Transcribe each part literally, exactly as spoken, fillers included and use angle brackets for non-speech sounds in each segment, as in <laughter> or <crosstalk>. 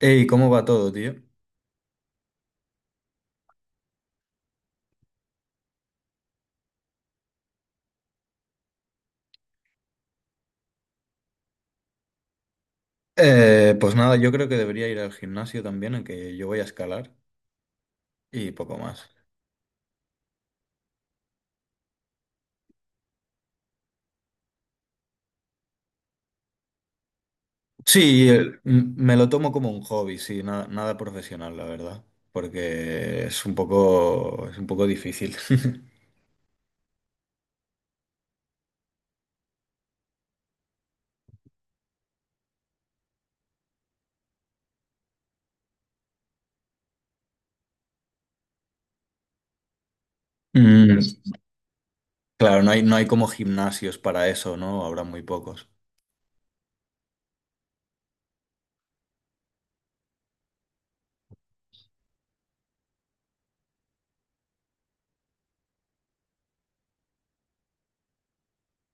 Ey, ¿cómo va todo, tío? Eh, pues nada, yo creo que debería ir al gimnasio también, en que yo voy a escalar y poco más. Sí, el- m- me lo tomo como un hobby, sí, nada, nada profesional, la verdad, porque es un poco, es un poco difícil. <laughs> Mm, claro, no hay, no hay como gimnasios para eso, ¿no? Habrá muy pocos.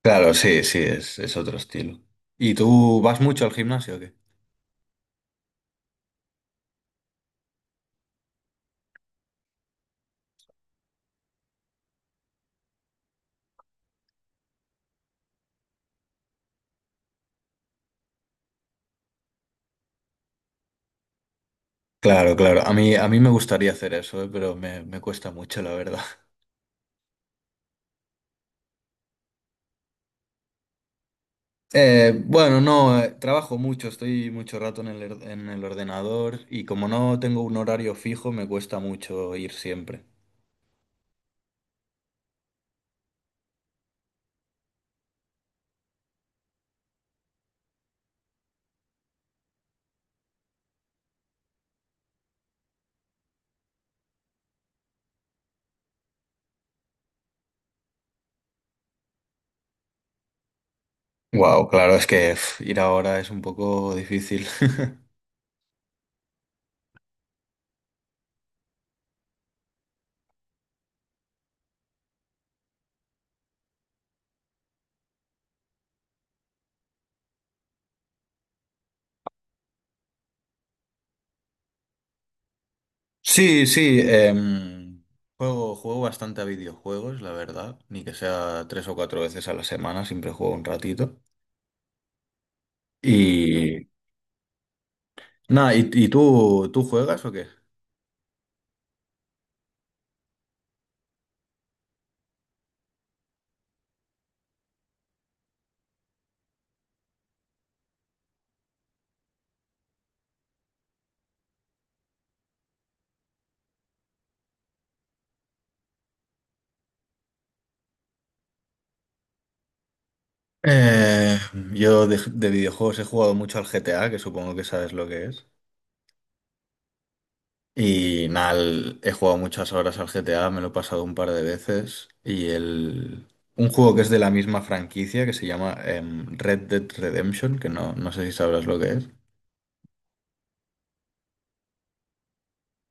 Claro, sí, sí, es, es otro estilo. ¿Y tú vas mucho al gimnasio o qué? Claro, claro. A mí, a mí me gustaría hacer eso, eh, pero me, me cuesta mucho, la verdad. Eh, bueno, no, eh, trabajo mucho, estoy mucho rato en el, er- en el ordenador, y como no tengo un horario fijo, me cuesta mucho ir siempre. Wow, claro, es que pf, ir ahora es un poco difícil. <laughs> Sí, sí, em, juego, juego bastante a videojuegos, la verdad, ni que sea tres o cuatro veces a la semana, siempre juego un ratito. Y nada, ¿y, y tú, tú juegas o qué? Eh, yo de, de videojuegos he jugado mucho al G T A, que supongo que sabes lo que es. Y nada, el- he jugado muchas horas al G T A, me lo he pasado un par de veces. Y el... un juego que es de la misma franquicia, que se llama em, Red Dead Redemption, que no, no sé si sabrás lo que es.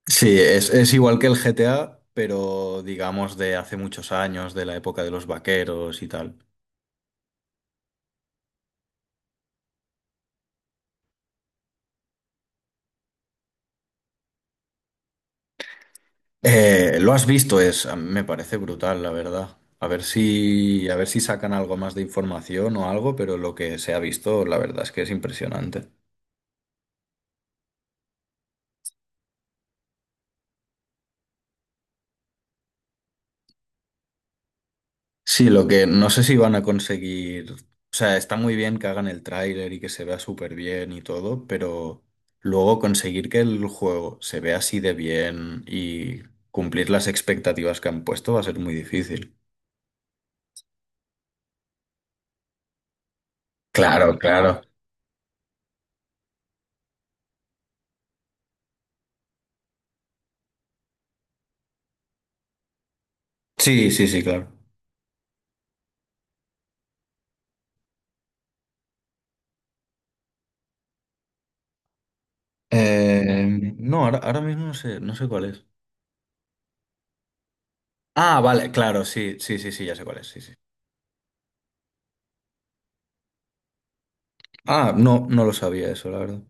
Sí, es, es igual que el G T A, pero digamos de hace muchos años, de la época de los vaqueros y tal. Eh, lo has visto, es, a- me parece brutal, la verdad. A ver si, a ver si sacan algo más de información o algo, pero lo que se ha visto, la verdad es que es impresionante. Sí, lo que no sé si van a conseguir, o sea, está muy bien que hagan el tráiler y que se vea súper bien y todo, pero luego conseguir que el juego se vea así de bien y cumplir las expectativas que han puesto va a ser muy difícil. Claro, claro. Sí, sí, sí, claro. Eh, no, ahora, ahora mismo no sé, no sé cuál es. Ah, vale, claro, sí, sí, sí, sí, ya sé cuál es, sí, sí. Ah, no, no lo sabía eso, la verdad.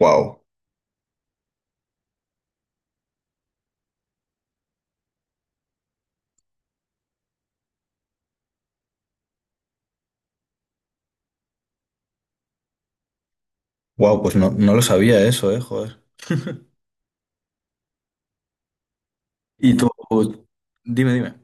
Wow. Wow, pues no, no lo sabía eso, eh, joder. Y tú, dime, dime.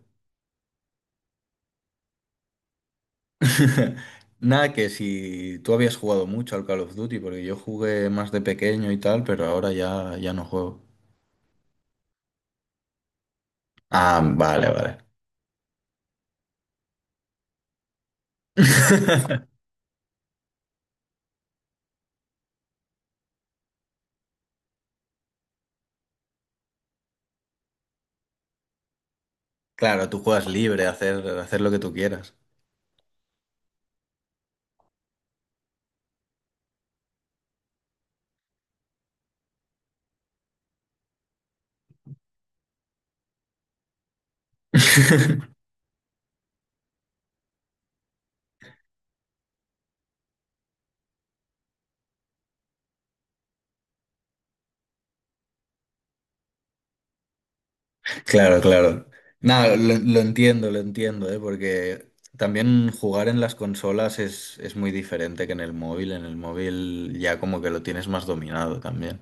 <laughs> Nada, que si tú habías jugado mucho al Call of Duty, porque yo jugué más de pequeño y tal, pero ahora ya, ya no juego. Ah, vale, vale. <laughs> Claro, tú juegas libre, hacer, hacer lo que tú quieras. <laughs> Claro, claro. Nada, lo, lo entiendo, lo entiendo, ¿eh? Porque también jugar en las consolas es, es muy diferente que en el móvil. En el móvil ya como que lo tienes más dominado también.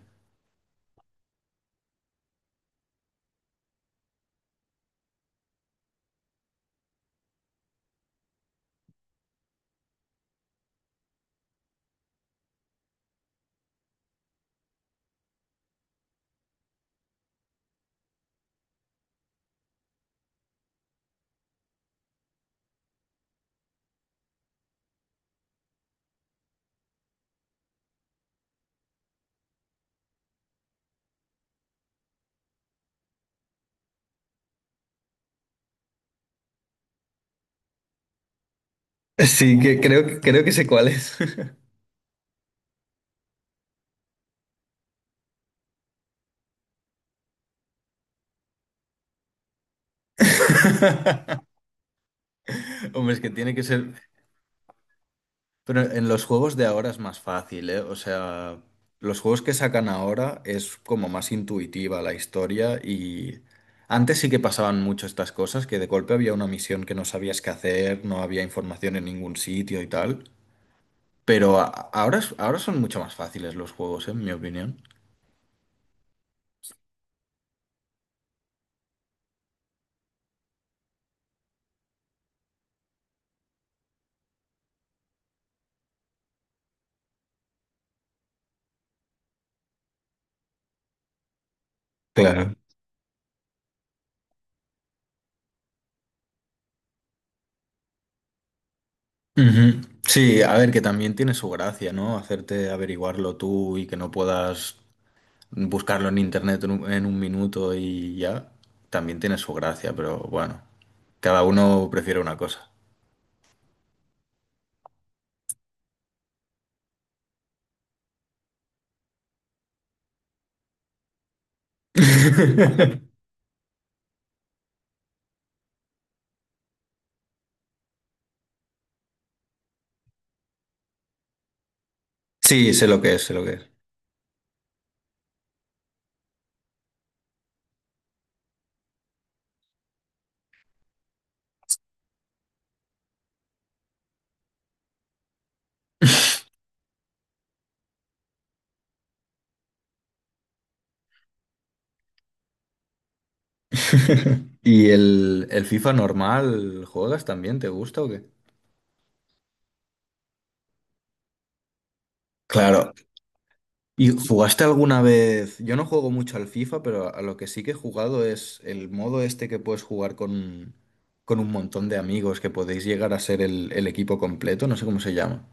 Sí, que creo, creo que sé cuál es. <laughs> Hombre, es que tiene que ser. Pero en los juegos de ahora es más fácil, ¿eh? O sea, los juegos que sacan ahora es como más intuitiva la historia, y antes sí que pasaban mucho estas cosas, que de golpe había una misión que no sabías qué hacer, no había información en ningún sitio y tal. Pero a- ahora, es- ahora son mucho más fáciles los juegos, ¿eh? En mi opinión. Claro. Ujú. Sí, a ver, que también tiene su gracia, ¿no? Hacerte averiguarlo tú y que no puedas buscarlo en internet en un, en un minuto, y ya también tiene su gracia, pero bueno, cada uno prefiere una cosa. Sí, sé lo que es, sé lo que es. <laughs> ¿Y el, el FIFA normal juegas también? ¿Te gusta o qué? Claro. ¿Y jugaste alguna vez? Yo no juego mucho al FIFA, pero a a lo que sí que he jugado es el modo este que puedes jugar con, con un montón de amigos, que podéis llegar a ser el, el equipo completo, no sé cómo se llama.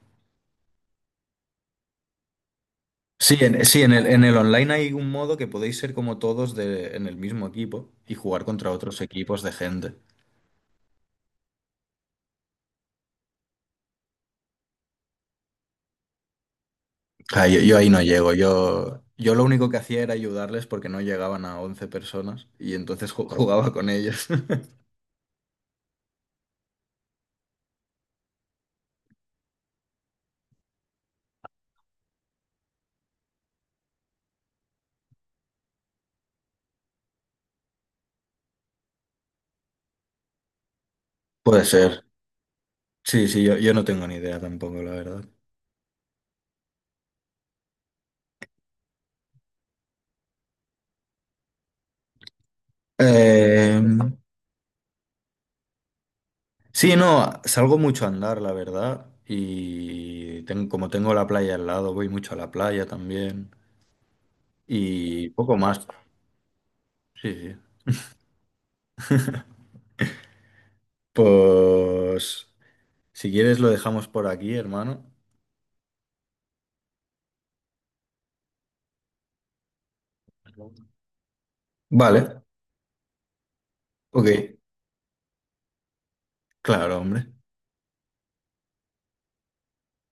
Sí, en, sí, en el, en el online hay un modo que podéis ser como todos de- en el mismo equipo y jugar contra otros equipos de gente. Ah, yo, yo ahí no llego. Yo, yo lo único que hacía era ayudarles porque no llegaban a once personas, y entonces ju- <laughs> jugaba con ellos. <laughs> Puede ser. Sí, sí, yo, yo no tengo ni idea tampoco, la verdad. Eh, sí, no, salgo mucho a andar, la verdad. Y ten- como tengo la playa al lado, voy mucho a la playa también. Y poco más. Sí, sí. Pues si quieres lo dejamos por aquí, hermano. Vale, ok, claro, hombre.